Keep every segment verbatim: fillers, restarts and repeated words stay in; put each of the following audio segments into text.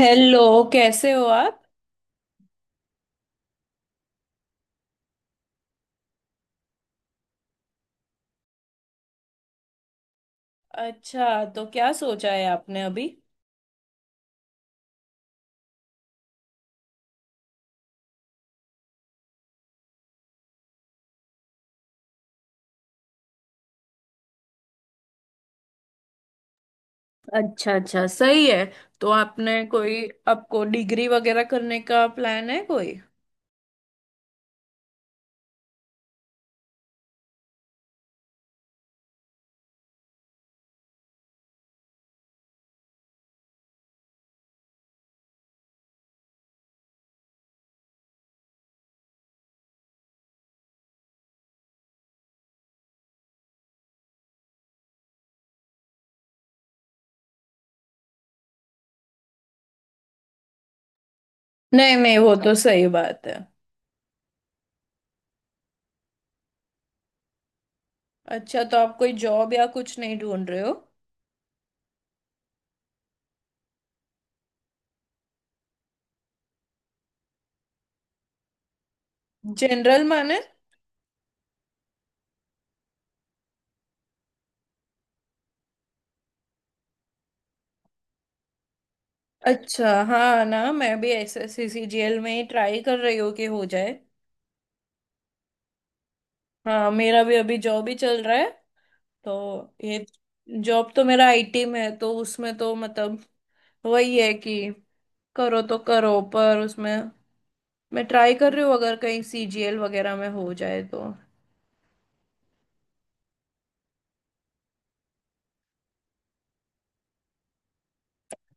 Hello. कैसे हो आप। अच्छा, तो क्या सोचा है आपने अभी। अच्छा अच्छा, सही है। तो आपने कोई आपको डिग्री वगैरह करने का प्लान है कोई। नहीं नहीं, वो तो सही बात है। अच्छा, तो आप कोई जॉब या कुछ नहीं ढूंढ रहे हो। जनरल माने। अच्छा, हाँ ना, मैं भी S S C C G L में ही ट्राई कर रही हूँ कि हो जाए। हाँ, मेरा भी अभी जॉब ही चल रहा है। तो ये जॉब तो मेरा आई टी में है, तो उसमें तो मतलब वही है कि करो तो करो, पर उसमें मैं ट्राई कर रही हूँ, अगर कहीं सी जी एल वगैरह में हो जाए तो।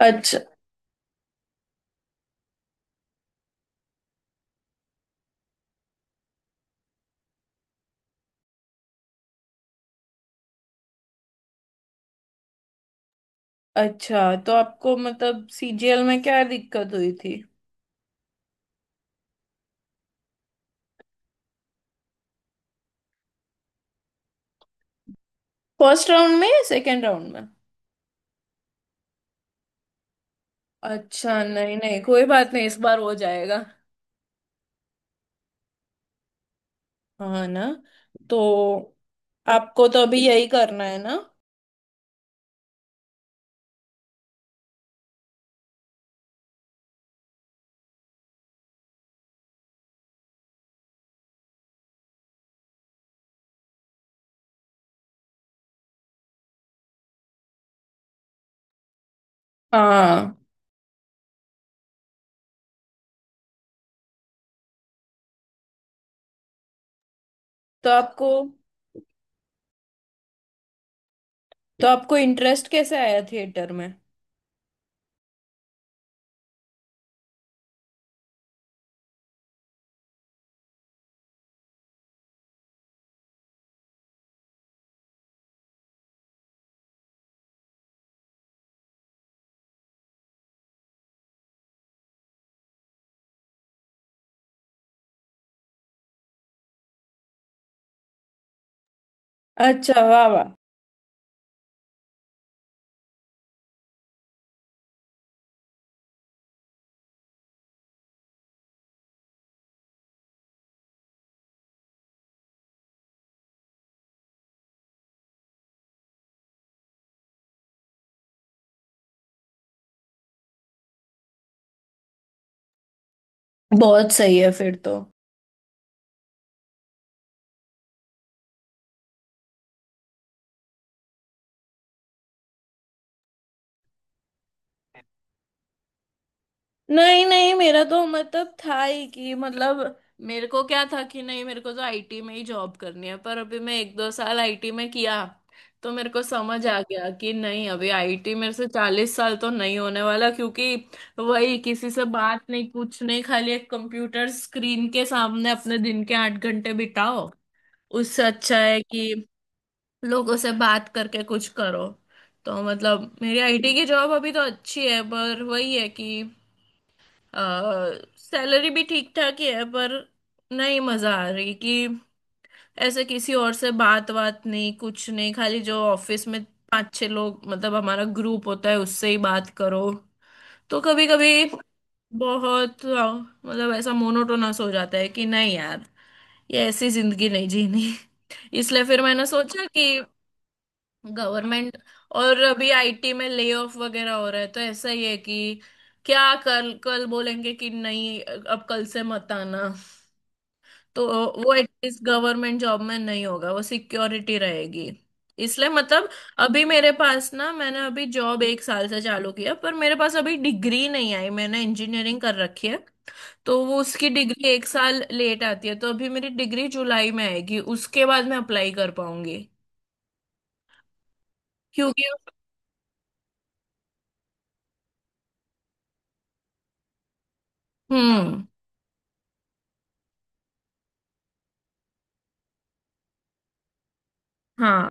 अच्छा अच्छा। तो आपको मतलब सी जी एल में क्या दिक्कत हुई थी। फर्स्ट राउंड में या सेकेंड राउंड में। अच्छा, नहीं नहीं, कोई बात नहीं, इस बार हो जाएगा। हाँ ना। तो आपको तो अभी यही करना है ना। हाँ। तो आपको तो आपको इंटरेस्ट कैसे आया थिएटर में। अच्छा, वाह वाह। बहुत सही है फिर तो। नहीं नहीं, मेरा तो मतलब था ही कि मतलब मेरे को क्या था कि नहीं, मेरे को तो आईटी में ही जॉब करनी है, पर अभी मैं एक दो साल आई टी में किया। तो मेरे को समझ आ गया कि नहीं, अभी आई टी मेरे से चालीस साल तो नहीं होने वाला, क्योंकि वही, किसी से बात नहीं कुछ नहीं, खाली एक कंप्यूटर स्क्रीन के सामने अपने दिन के आठ घंटे बिताओ। उससे अच्छा है कि लोगों से बात करके कुछ करो। तो मतलब मेरी आई टी की जॉब अभी तो अच्छी है, पर वही है कि सैलरी भी ठीक ठाक ही है, पर नहीं मजा आ रही कि ऐसे किसी और से बात बात नहीं कुछ नहीं, खाली जो ऑफिस में पांच छह लोग, मतलब हमारा ग्रुप होता है, उससे ही बात करो। तो कभी कभी बहुत आ, मतलब ऐसा मोनोटोनस हो जाता है कि नहीं यार, ये ऐसी जिंदगी नहीं जीनी। इसलिए फिर मैंने सोचा कि गवर्नमेंट, और अभी आई टी में ले ऑफ वगैरह हो रहा है, तो ऐसा ही है कि क्या कल कल बोलेंगे कि नहीं, अब कल से मत आना। तो वो एटलीस्ट गवर्नमेंट जॉब में नहीं होगा, वो सिक्योरिटी रहेगी। इसलिए मतलब अभी मेरे पास ना, मैंने अभी जॉब एक साल से चालू किया, पर मेरे पास अभी डिग्री नहीं आई, मैंने इंजीनियरिंग कर रखी है। तो वो उसकी डिग्री एक साल लेट आती है, तो अभी मेरी डिग्री जुलाई में आएगी, उसके बाद मैं अप्लाई कर पाऊंगी क्योंकि। हम्म। हाँ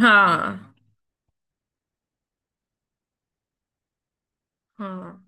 हाँ। हाँ,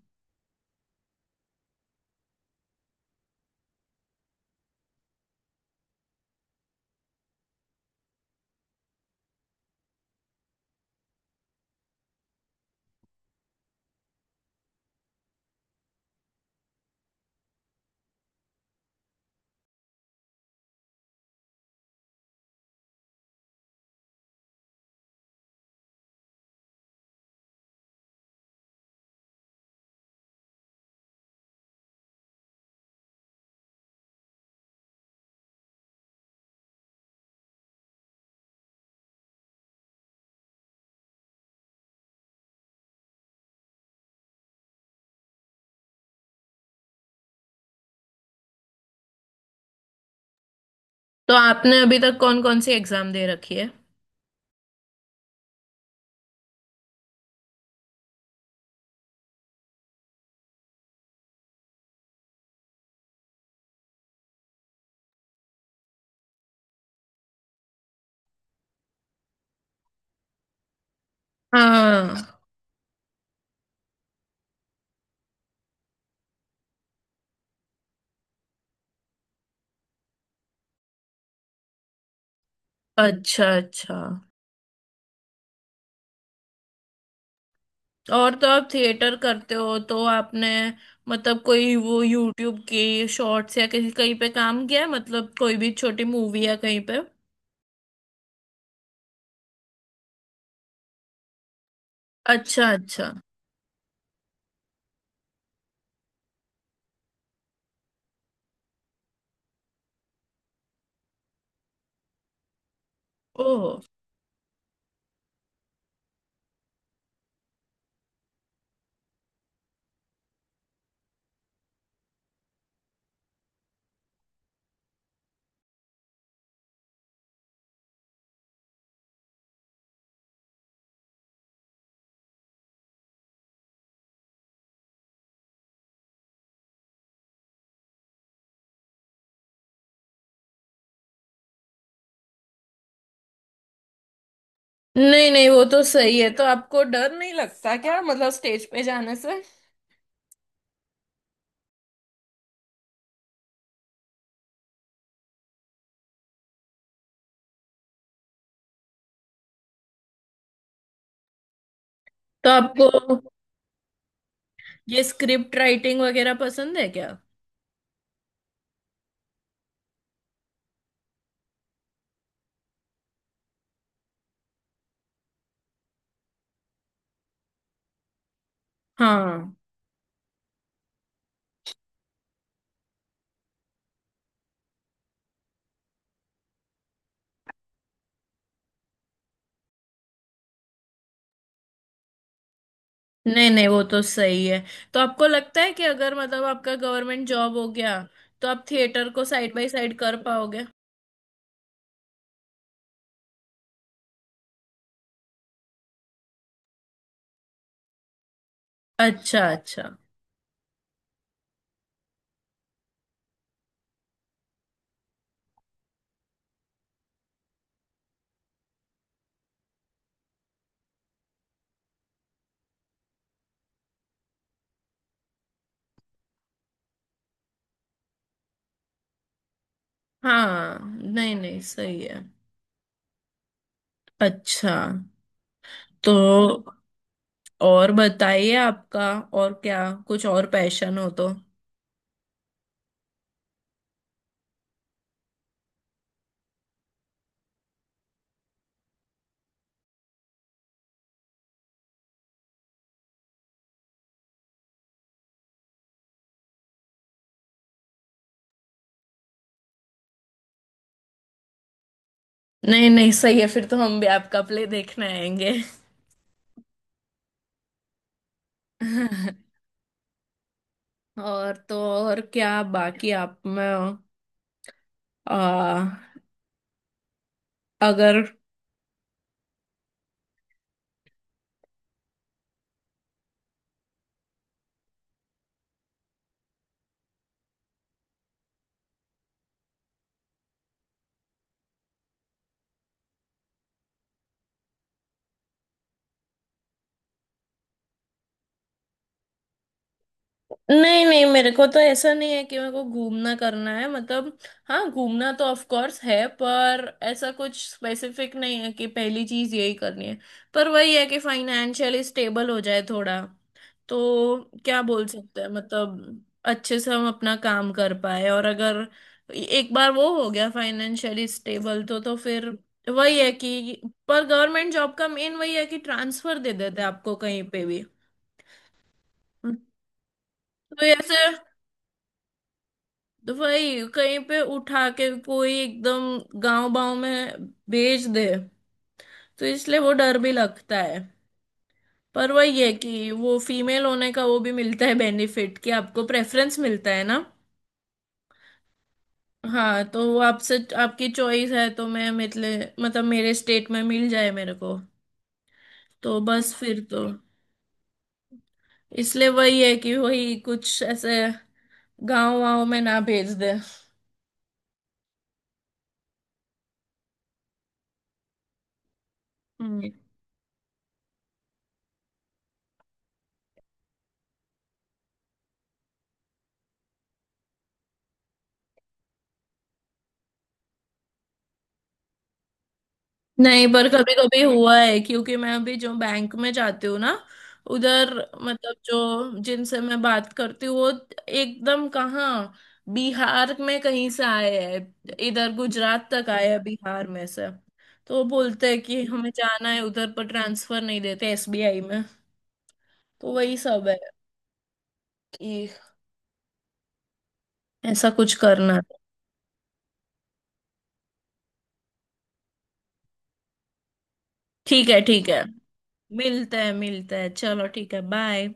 तो आपने अभी तक कौन कौन सी एग्जाम दे रखी है। हाँ। अच्छा अच्छा। और तो आप थिएटर करते हो तो आपने मतलब कोई वो यूट्यूब की शॉर्ट्स या किसी कहीं पे काम किया है, मतलब कोई भी छोटी मूवी या कहीं पे। अच्छा अच्छा। ओह। नहीं नहीं, वो तो सही है। तो आपको डर नहीं लगता क्या मतलब स्टेज पे जाने से। तो आपको ये स्क्रिप्ट राइटिंग वगैरह पसंद है क्या। हाँ। नहीं नहीं, वो तो सही है। तो आपको लगता है कि अगर मतलब आपका गवर्नमेंट जॉब हो गया तो आप थिएटर को साइड बाय साइड कर पाओगे। अच्छा अच्छा। हाँ, नहीं नहीं सही है। अच्छा, तो और बताइए आपका, और क्या, कुछ और पैशन हो तो। नहीं नहीं, सही है, फिर तो हम भी आपका प्ले देखने आएंगे। और तो और क्या बाकी, आप में आ, अगर, नहीं नहीं, मेरे को तो ऐसा नहीं है कि मेरे को घूमना करना है मतलब। हाँ, घूमना तो ऑफ कोर्स है, पर ऐसा कुछ स्पेसिफिक नहीं है कि पहली चीज यही करनी है। पर वही है कि फाइनेंशियली स्टेबल हो जाए थोड़ा। तो क्या बोल सकते हैं मतलब अच्छे से हम अपना काम कर पाए, और अगर एक बार वो हो गया फाइनेंशियली स्टेबल तो तो फिर वही है कि पर गवर्नमेंट जॉब का मेन वही है कि ट्रांसफर दे देते हैं आपको कहीं पे भी। तो ऐसे तो वही कहीं पे उठा के कोई एकदम गांव बाव में भेज दे। तो इसलिए वो डर भी लगता है। पर वही है कि वो फीमेल होने का वो भी मिलता है बेनिफिट, कि आपको प्रेफरेंस मिलता है ना। हाँ, तो वो आपसे आपकी चॉइस है, तो मैं मतलब मतलब मेरे स्टेट में मिल जाए मेरे को। तो बस फिर तो इसलिए वही है कि वही कुछ ऐसे गांव वाव में ना भेज दे। हम्म। नहीं, पर कभी कभी हुआ है, क्योंकि मैं अभी जो बैंक में जाती हूँ ना, उधर मतलब जो जिनसे मैं बात करती हूँ, वो एकदम कहाँ, बिहार में कहीं से आए हैं इधर, गुजरात तक आए हैं बिहार में से। तो वो बोलते हैं कि हमें जाना है उधर, पर ट्रांसफर नहीं देते एस बी आई में। तो वही सब है कि ऐसा कुछ करना है। ठीक है ठीक है, मिलते हैं मिलते हैं, चलो ठीक है, बाय।